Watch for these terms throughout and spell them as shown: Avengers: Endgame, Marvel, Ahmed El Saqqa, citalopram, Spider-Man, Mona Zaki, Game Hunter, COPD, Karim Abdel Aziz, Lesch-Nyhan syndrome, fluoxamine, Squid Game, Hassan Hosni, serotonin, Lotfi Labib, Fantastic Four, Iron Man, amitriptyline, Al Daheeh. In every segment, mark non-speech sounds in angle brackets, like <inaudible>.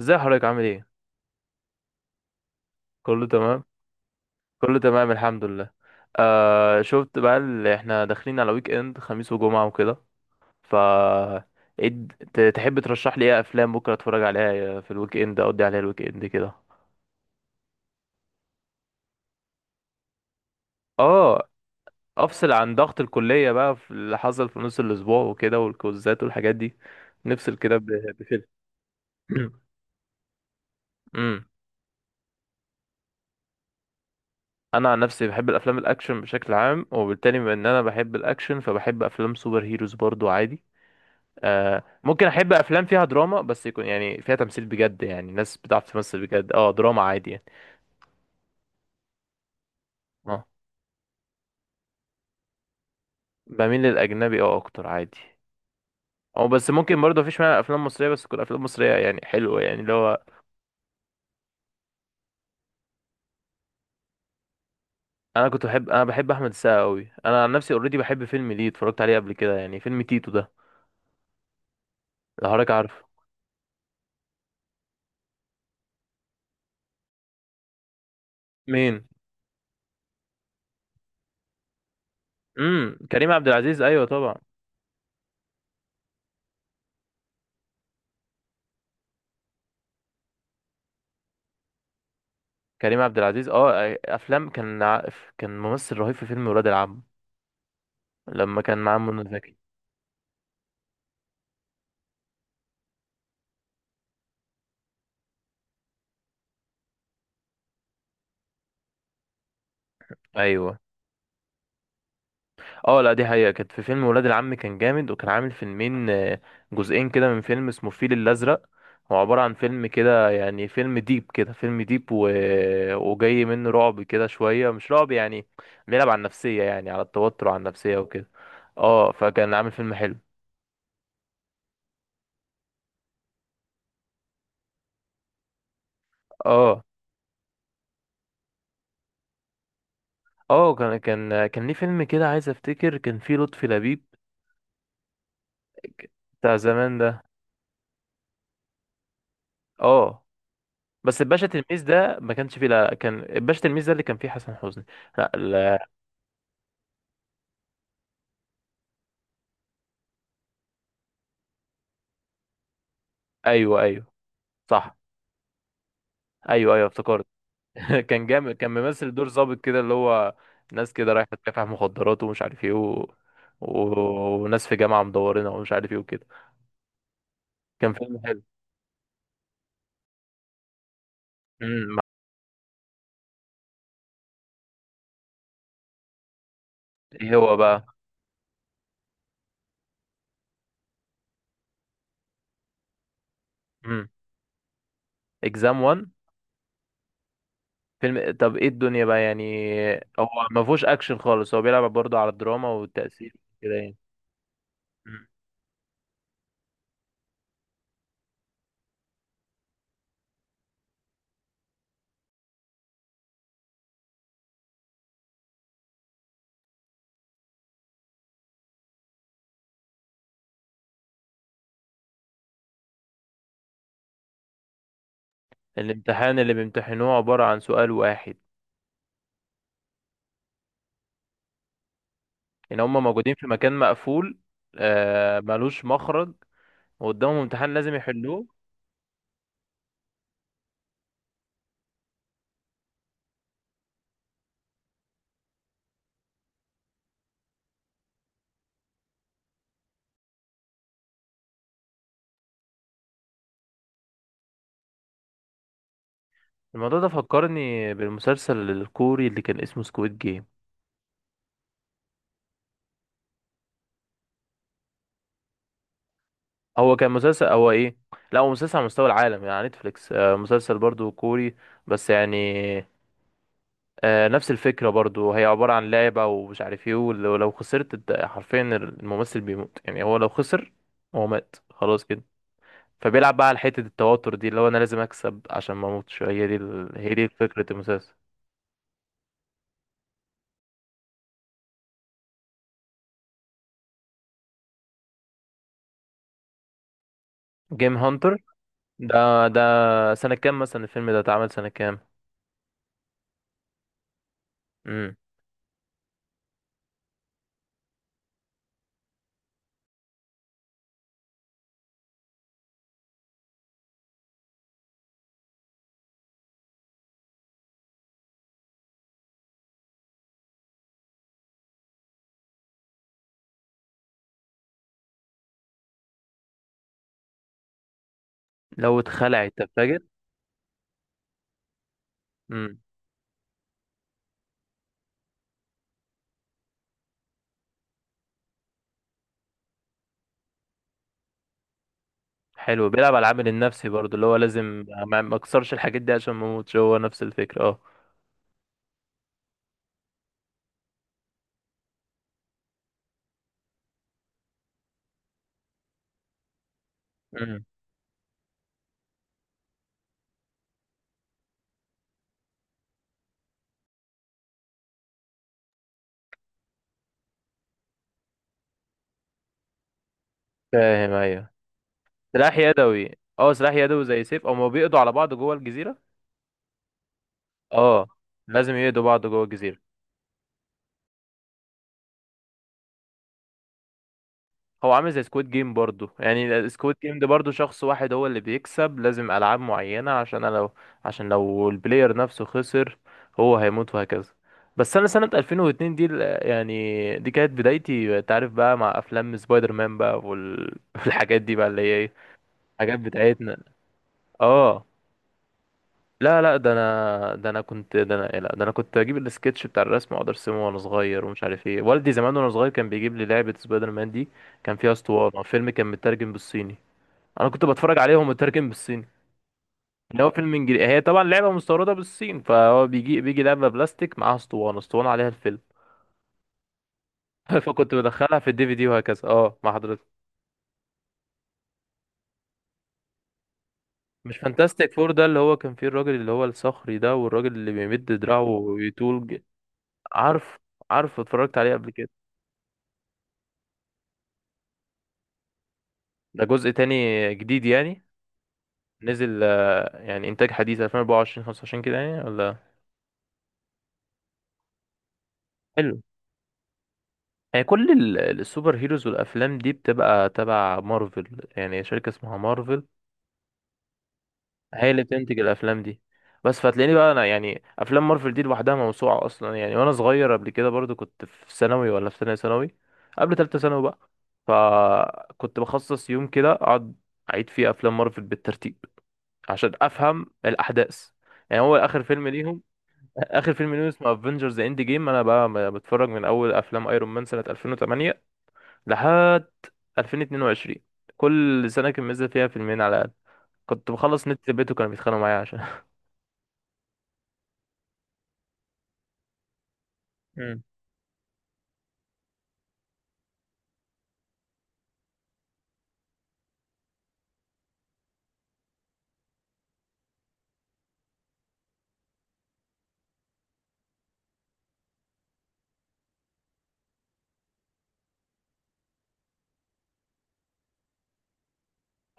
ازاي حضرتك عامل ايه؟ كله تمام. كله تمام الحمد لله. آه، شفت بقى اللي احنا داخلين على ويك اند، خميس وجمعة وكده. ف ايه تحب ترشح لي ايه افلام بكره اتفرج عليها في الويك اند، اقضي عليها الويك اند كده. اه، افصل عن ضغط الكلية بقى في اللي حصل في نص الاسبوع وكده والكوزات والحاجات دي. نفصل كده بفيلم. <clears throat> امم انا عن نفسي بحب الافلام الاكشن بشكل عام، وبالتالي بما ان انا بحب الاكشن فبحب افلام سوبر هيروز برضو عادي. آه، ممكن احب افلام فيها دراما، بس يكون يعني فيها تمثيل بجد، يعني ناس بتعرف تمثل بجد. اه دراما عادي يعني. اه بميل للاجنبي، اه اكتر عادي. او بس ممكن برضه مفيش مانع افلام مصريه، بس تكون افلام مصريه يعني حلوه، يعني اللي هو انا بحب احمد السقا قوي. انا عن نفسي اوريدي بحب فيلم ليه اتفرجت عليه قبل كده، يعني فيلم تيتو ده. لو حضرتك عارفه. مين؟ كريم عبد العزيز، ايوه طبعا. كريم عبد العزيز، اه افلام كان ممثل رهيب في فيلم ولاد العم، لما كان معاه منى زكي. ايوه. اه لا، دي حقيقة، كانت في فيلم ولاد العم كان جامد، وكان عامل فيلمين، آه، جزئين كده، من فيلم اسمه الفيل الأزرق. هو عبارة عن فيلم كده يعني، فيلم ديب كده، فيلم ديب وجاي منه رعب كده شوية، مش رعب يعني، بيلعب على النفسية، يعني على التوتر وعلى النفسية وكده. اه، فكان عامل فيلم حلو. اه اه، كان ليه فيلم كده، عايز افتكر كان فيه لطفي لبيب، ك- بتاع زمان ده. اه، بس الباشا تلميذ ده ما كانش فيه، لا كان الباشا تلميذ ده اللي كان فيه حسن حسني. لا لا. ايوه ايوه صح. ايوه ايوه افتكرت. <laughs> كان جامد، كان ممثل دور ظابط كده، اللي هو ناس كده رايحه تكافح مخدرات ومش عارف ايه و... وناس في جامعه مدورينها ومش عارف ايه وكده. كان فيلم حلو. امم ايه هو بقى؟ امم اكزام 1. فيلم، طب ايه الدنيا بقى يعني؟ هو ما فيهوش اكشن خالص، هو بيلعب برضه على الدراما والتأثير كده يعني. مم. الامتحان اللي بيمتحنوه عباره عن سؤال واحد. ان هم موجودين في مكان مقفول، آه ملوش مخرج، وقدامهم امتحان لازم يحلوه. الموضوع ده فكرني بالمسلسل الكوري اللي كان اسمه سكويد جيم. هو كان مسلسل، هو ايه، لا هو مسلسل على مستوى العالم يعني، على نتفليكس. آه، مسلسل برضو كوري بس يعني. آه، نفس الفكرة برضو، هي عبارة عن لعبة ومش عارف ايه، ولو، لو خسرت انت حرفيا الممثل بيموت يعني، هو لو خسر هو مات خلاص كده. فبيلعب بقى على حتة التوتر دي، اللي هو انا لازم اكسب عشان ما اموتش، هي دي هي دي فكرة المسلسل. جيم هانتر. ده سنة كام مثلا؟ الفيلم ده اتعمل سنة كام؟ لو اتخلع انت فاكر. امم حلو، بيلعب على العامل النفسي برضو، اللي هو لازم ما اكسرش الحاجات دي عشان ما اموتش، هو نفس الفكره اه. امم فاهم ايوه. سلاح يدوي اه، سلاح يدوي زي سيف، او ما بيقضوا على بعض جوه الجزيره. اه لازم يقضوا بعض جوه الجزيره. هو عامل زي سكواد جيم برضو يعني، سكواد جيم ده برضو شخص واحد هو اللي بيكسب، لازم ألعاب معينة عشان أنا لو، عشان لو البلاير نفسه خسر هو هيموت وهكذا. بس أنا سنة 2002 دي يعني دي كانت بدايتي، أنت عارف بقى، مع أفلام سبايدر مان بقى <laughs> والحاجات دي بقى اللي هي إيه الحاجات بتاعتنا. اه لا لا، ده انا ده انا كنت ده انا لا ده انا كنت اجيب السكتش بتاع الرسم واقعد ارسمه وانا صغير ومش عارف ايه. والدي زمان وانا صغير كان بيجيب لي لعبة سبايدر مان دي، كان فيها اسطوانة فيلم كان مترجم بالصيني. انا كنت بتفرج عليهم مترجم بالصيني، اللي هو فيلم انجليزي، هي طبعا لعبه مستورده بالصين، فهو بيجي لعبه بلاستيك معاها اسطوانه عليها الفيلم. <laughs> فكنت بدخلها في الدي في دي وهكذا، اه مع حضرتك. مش فانتاستيك فور ده اللي هو كان فيه الراجل اللي هو الصخري ده، والراجل اللي بيمد دراعه ويطول، عارف. عارف، اتفرجت عليه قبل كده. ده جزء تاني جديد يعني؟ نزل آه، يعني انتاج حديث 2024 25 كده يعني، ولا؟ حلو. هي كل السوبر هيروز والافلام دي بتبقى تبع مارفل، يعني شركة اسمها مارفل هي اللي بتنتج الافلام دي. بس فتلاقيني بقى انا يعني، افلام مارفل دي لوحدها موسوعه اصلا يعني. وانا صغير قبل كده برضو كنت في ثانوي، ولا في ثانيه ثانوي قبل ثالثه ثانوي بقى، فكنت بخصص يوم كده اقعد اعيد فيه افلام مارفل بالترتيب عشان افهم الاحداث. يعني هو اخر فيلم ليهم، اخر فيلم ليهم اسمه افنجرز اند جيم. انا بقى بتفرج من اول افلام ايرون مان سنه 2008 لحد 2022. كل سنه كان منزل فيها فيلمين على الاقل. كنت بخلص نت في البيت وكانوا بيتخانقوا معايا. مم.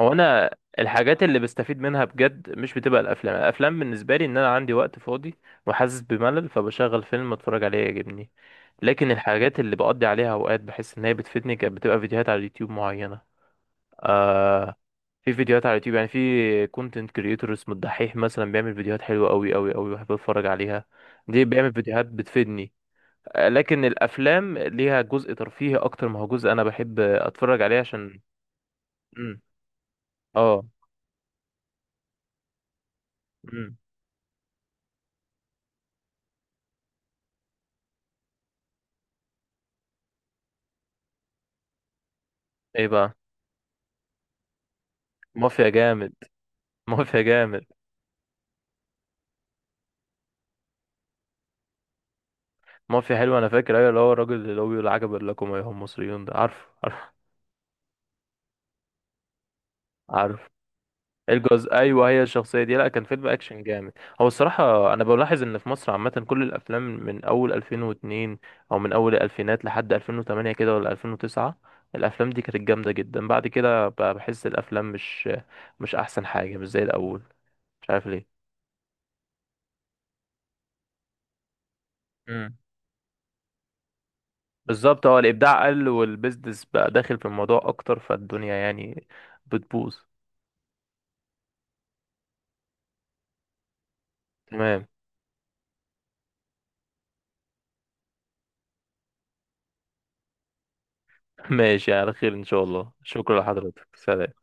هو انا، الحاجات اللي بستفيد منها بجد مش بتبقى الافلام، الافلام بالنسبه لي ان انا عندي وقت فاضي وحاسس بملل فبشغل فيلم اتفرج عليه يعجبني. لكن الحاجات اللي بقضي عليها اوقات بحس ان هي بتفيدني كانت بتبقى فيديوهات على اليوتيوب معينه. آه. في فيديوهات على اليوتيوب يعني، في كونتنت كريتور اسمه الدحيح مثلا، بيعمل فيديوهات حلوه قوي قوي قوي، بحب اتفرج عليها. دي بيعمل فيديوهات بتفيدني. آه، لكن الافلام ليها جزء ترفيهي اكتر، ما هو جزء انا بحب اتفرج عليه عشان. مم. اه. مم. ايه بقى؟ مافيا جامد. مافيا جامد. مافيا حلو. انا فاكر، ايوه اللي هو الراجل اللي هو بيقول عجبا لكم ايها المصريون ده، عارف عارف عارف. الجزء ايوه، هي الشخصيه دي، لا كان فيلم اكشن جامد. هو الصراحه انا بلاحظ ان في مصر عامه كل الافلام من اول 2002، او من اول الالفينات لحد 2008 كده ولا 2009، الافلام دي كانت جامده جدا. بعد كده بقى بحس الافلام مش، احسن حاجه، مش زي الاول. مش عارف ليه. بالظبط، هو الابداع قل والبيزنس بقى داخل في الموضوع اكتر، فالدنيا يعني بتبوظ. تمام. <laughs> ماشي على خير ان شاء الله، شكرا لحضرتك، سلام.